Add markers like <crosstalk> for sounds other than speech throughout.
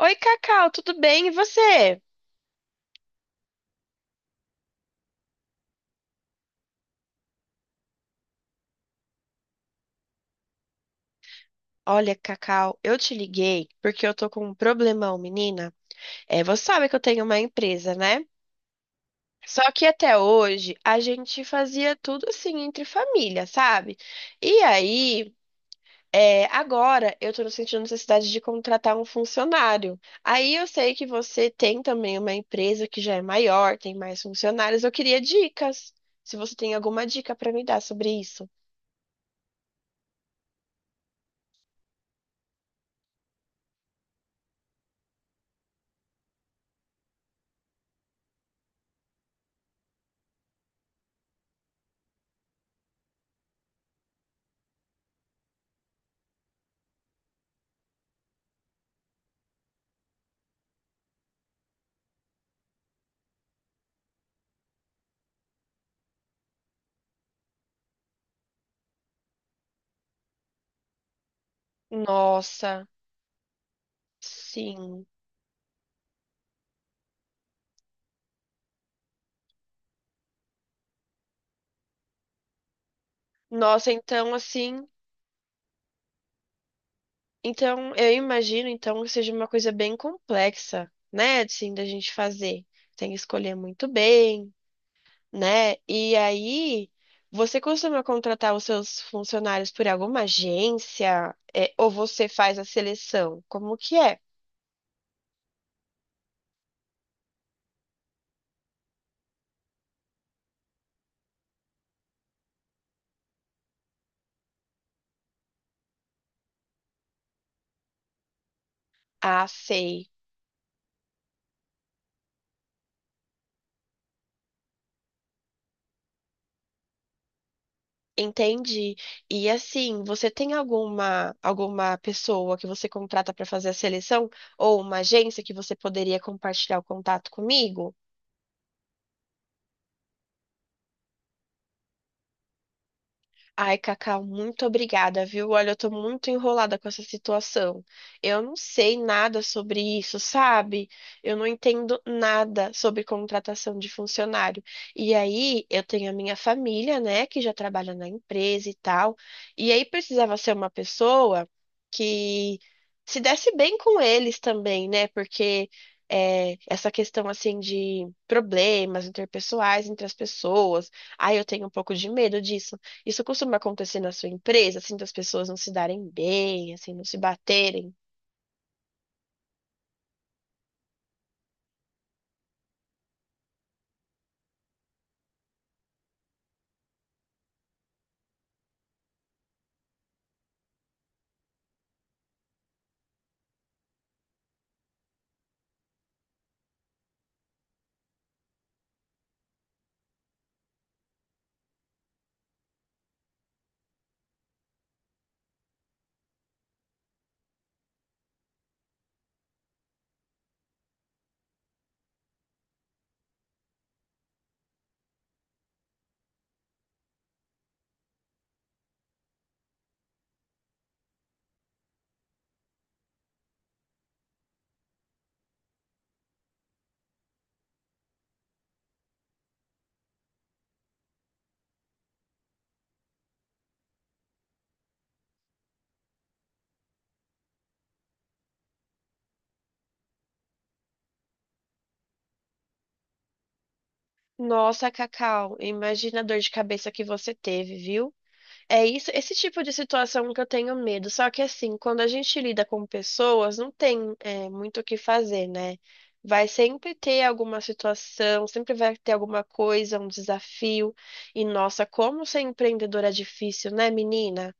Oi, Cacau, tudo bem? E você? Olha, Cacau, eu te liguei porque eu tô com um problemão, menina. Você sabe que eu tenho uma empresa, né? Só que até hoje a gente fazia tudo assim entre família, sabe? E aí, agora eu tô sentindo necessidade de contratar um funcionário. Aí eu sei que você tem também uma empresa que já é maior, tem mais funcionários. Eu queria dicas. Se você tem alguma dica pra me dar sobre isso. Nossa, sim. Nossa, então assim, então eu imagino então que seja uma coisa bem complexa, né, assim, da gente fazer. Tem que escolher muito bem, né? E aí, você costuma contratar os seus funcionários por alguma agência, ou você faz a seleção? Como que é? Ah, sei. Entendi. E assim, você tem alguma pessoa que você contrata para fazer a seleção ou uma agência que você poderia compartilhar o contato comigo? Ai, Cacau, muito obrigada, viu? Olha, eu tô muito enrolada com essa situação. Eu não sei nada sobre isso, sabe? Eu não entendo nada sobre contratação de funcionário. E aí, eu tenho a minha família, né, que já trabalha na empresa e tal. E aí, precisava ser uma pessoa que se desse bem com eles também, né? Porque essa questão assim de problemas interpessoais entre as pessoas. Ai, eu tenho um pouco de medo disso. Isso costuma acontecer na sua empresa, assim, das pessoas não se darem bem, assim, não se baterem? Nossa, Cacau, imagina a dor de cabeça que você teve, viu? É isso, esse tipo de situação que eu tenho medo. Só que assim, quando a gente lida com pessoas, não tem, é, muito o que fazer, né? Vai sempre ter alguma situação, sempre vai ter alguma coisa, um desafio. E nossa, como ser empreendedora é difícil, né, menina?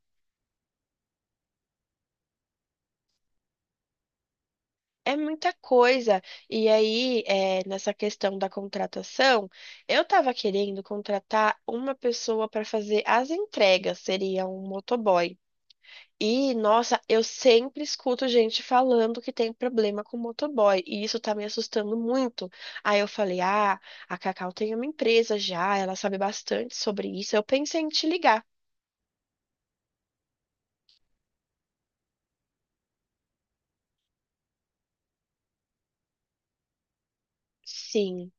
É muita coisa. E aí, nessa questão da contratação, eu estava querendo contratar uma pessoa para fazer as entregas, seria um motoboy. E, nossa, eu sempre escuto gente falando que tem problema com motoboy, e isso tá me assustando muito. Aí eu falei: ah, a Cacau tem uma empresa já, ela sabe bastante sobre isso. Eu pensei em te ligar. Sim.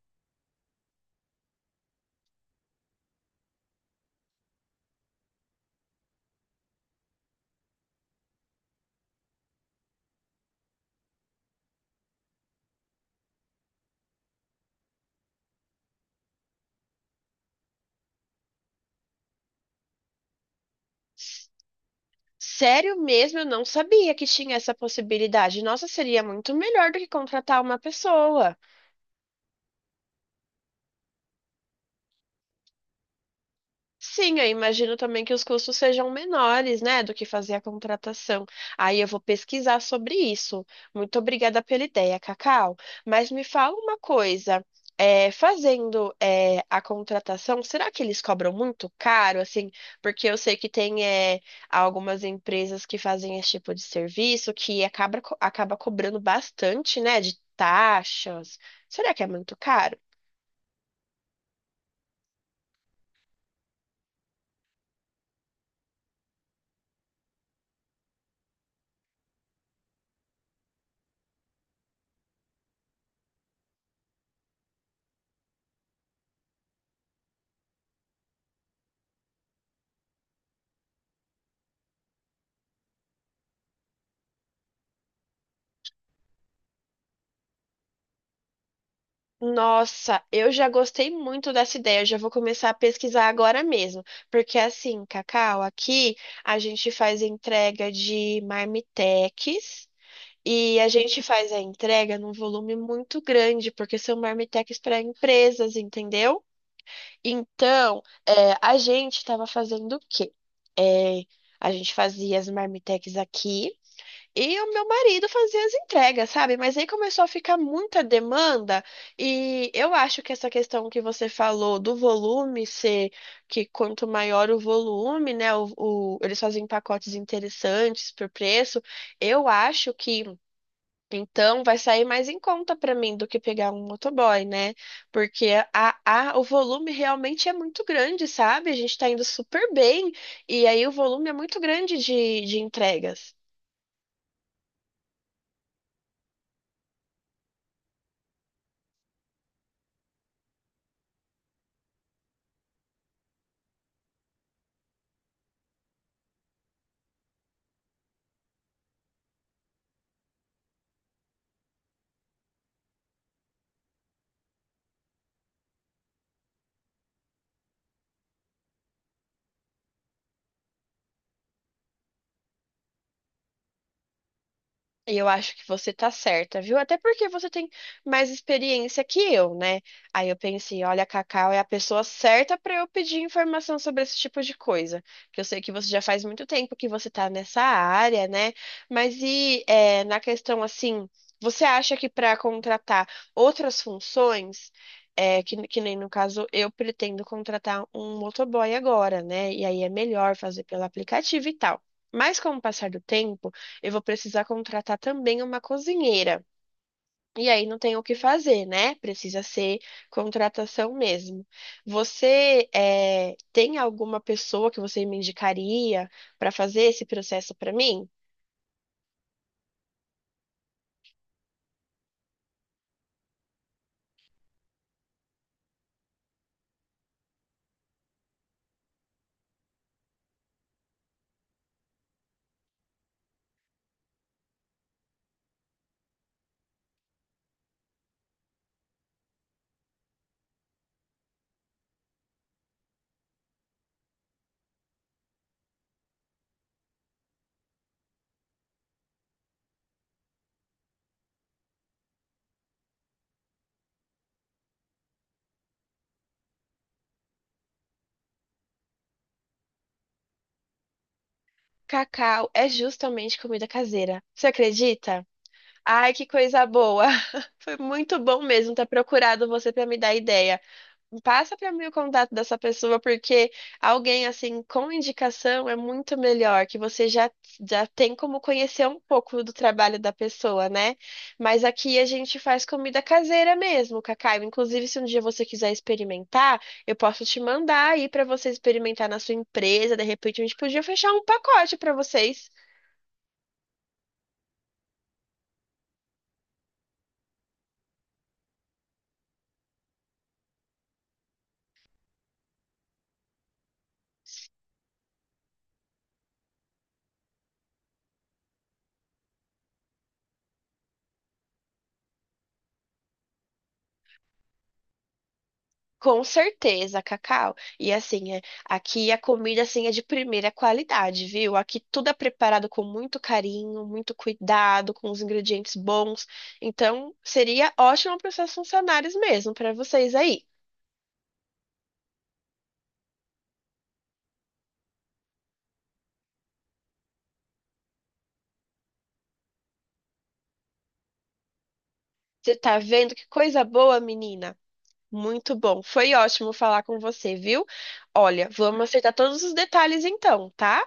Sério mesmo, eu não sabia que tinha essa possibilidade. Nossa, seria muito melhor do que contratar uma pessoa. Sim, eu imagino também que os custos sejam menores, né, do que fazer a contratação. Aí eu vou pesquisar sobre isso. Muito obrigada pela ideia, Cacau. Mas me fala uma coisa, fazendo a contratação, será que eles cobram muito caro, assim? Porque eu sei que tem algumas empresas que fazem esse tipo de serviço que acaba cobrando bastante, né, de taxas. Será que é muito caro? Nossa, eu já gostei muito dessa ideia. Eu já vou começar a pesquisar agora mesmo. Porque assim, Cacau, aqui a gente faz entrega de marmitex e a gente faz a entrega num volume muito grande, porque são marmitex para empresas, entendeu? Então, a gente estava fazendo o quê? É, a gente fazia as marmitex aqui. E o meu marido fazia as entregas, sabe? Mas aí começou a ficar muita demanda, e eu acho que essa questão que você falou do volume ser que quanto maior o volume, né? Eles fazem pacotes interessantes por preço. Eu acho que então vai sair mais em conta para mim do que pegar um motoboy, né? Porque o volume realmente é muito grande, sabe? A gente tá indo super bem, e aí o volume é muito grande de entregas. E eu acho que você tá certa, viu? Até porque você tem mais experiência que eu, né? Aí eu pensei, olha, a Cacau é a pessoa certa para eu pedir informação sobre esse tipo de coisa. Que eu sei que você já faz muito tempo que você tá nessa área, né? Mas na questão assim, você acha que para contratar outras funções, que nem no caso eu pretendo contratar um motoboy agora, né? E aí é melhor fazer pelo aplicativo e tal. Mas com o passar do tempo eu vou precisar contratar também uma cozinheira. E aí não tem o que fazer, né? Precisa ser contratação mesmo. Você tem alguma pessoa que você me indicaria para fazer esse processo para mim? Cacau, é justamente comida caseira. Você acredita? Ai, que coisa boa! <laughs> Foi muito bom mesmo ter procurado você para me dar ideia. Passa para mim o contato dessa pessoa, porque alguém assim com indicação é muito melhor, que você já tem como conhecer um pouco do trabalho da pessoa, né? Mas aqui a gente faz comida caseira mesmo, Cacau. Inclusive, se um dia você quiser experimentar, eu posso te mandar aí para você experimentar na sua empresa. De repente, a gente podia fechar um pacote para vocês. Com certeza, Cacau. E assim, aqui a comida assim é de primeira qualidade, viu? Aqui tudo é preparado com muito carinho, muito cuidado, com os ingredientes bons. Então, seria ótimo para os seus funcionários mesmo, para vocês aí. Você tá vendo que coisa boa, menina? Muito bom. Foi ótimo falar com você, viu? Olha, vamos acertar todos os detalhes então, tá?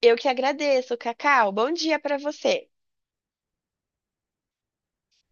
Eu que agradeço, Cacau. Bom dia para você.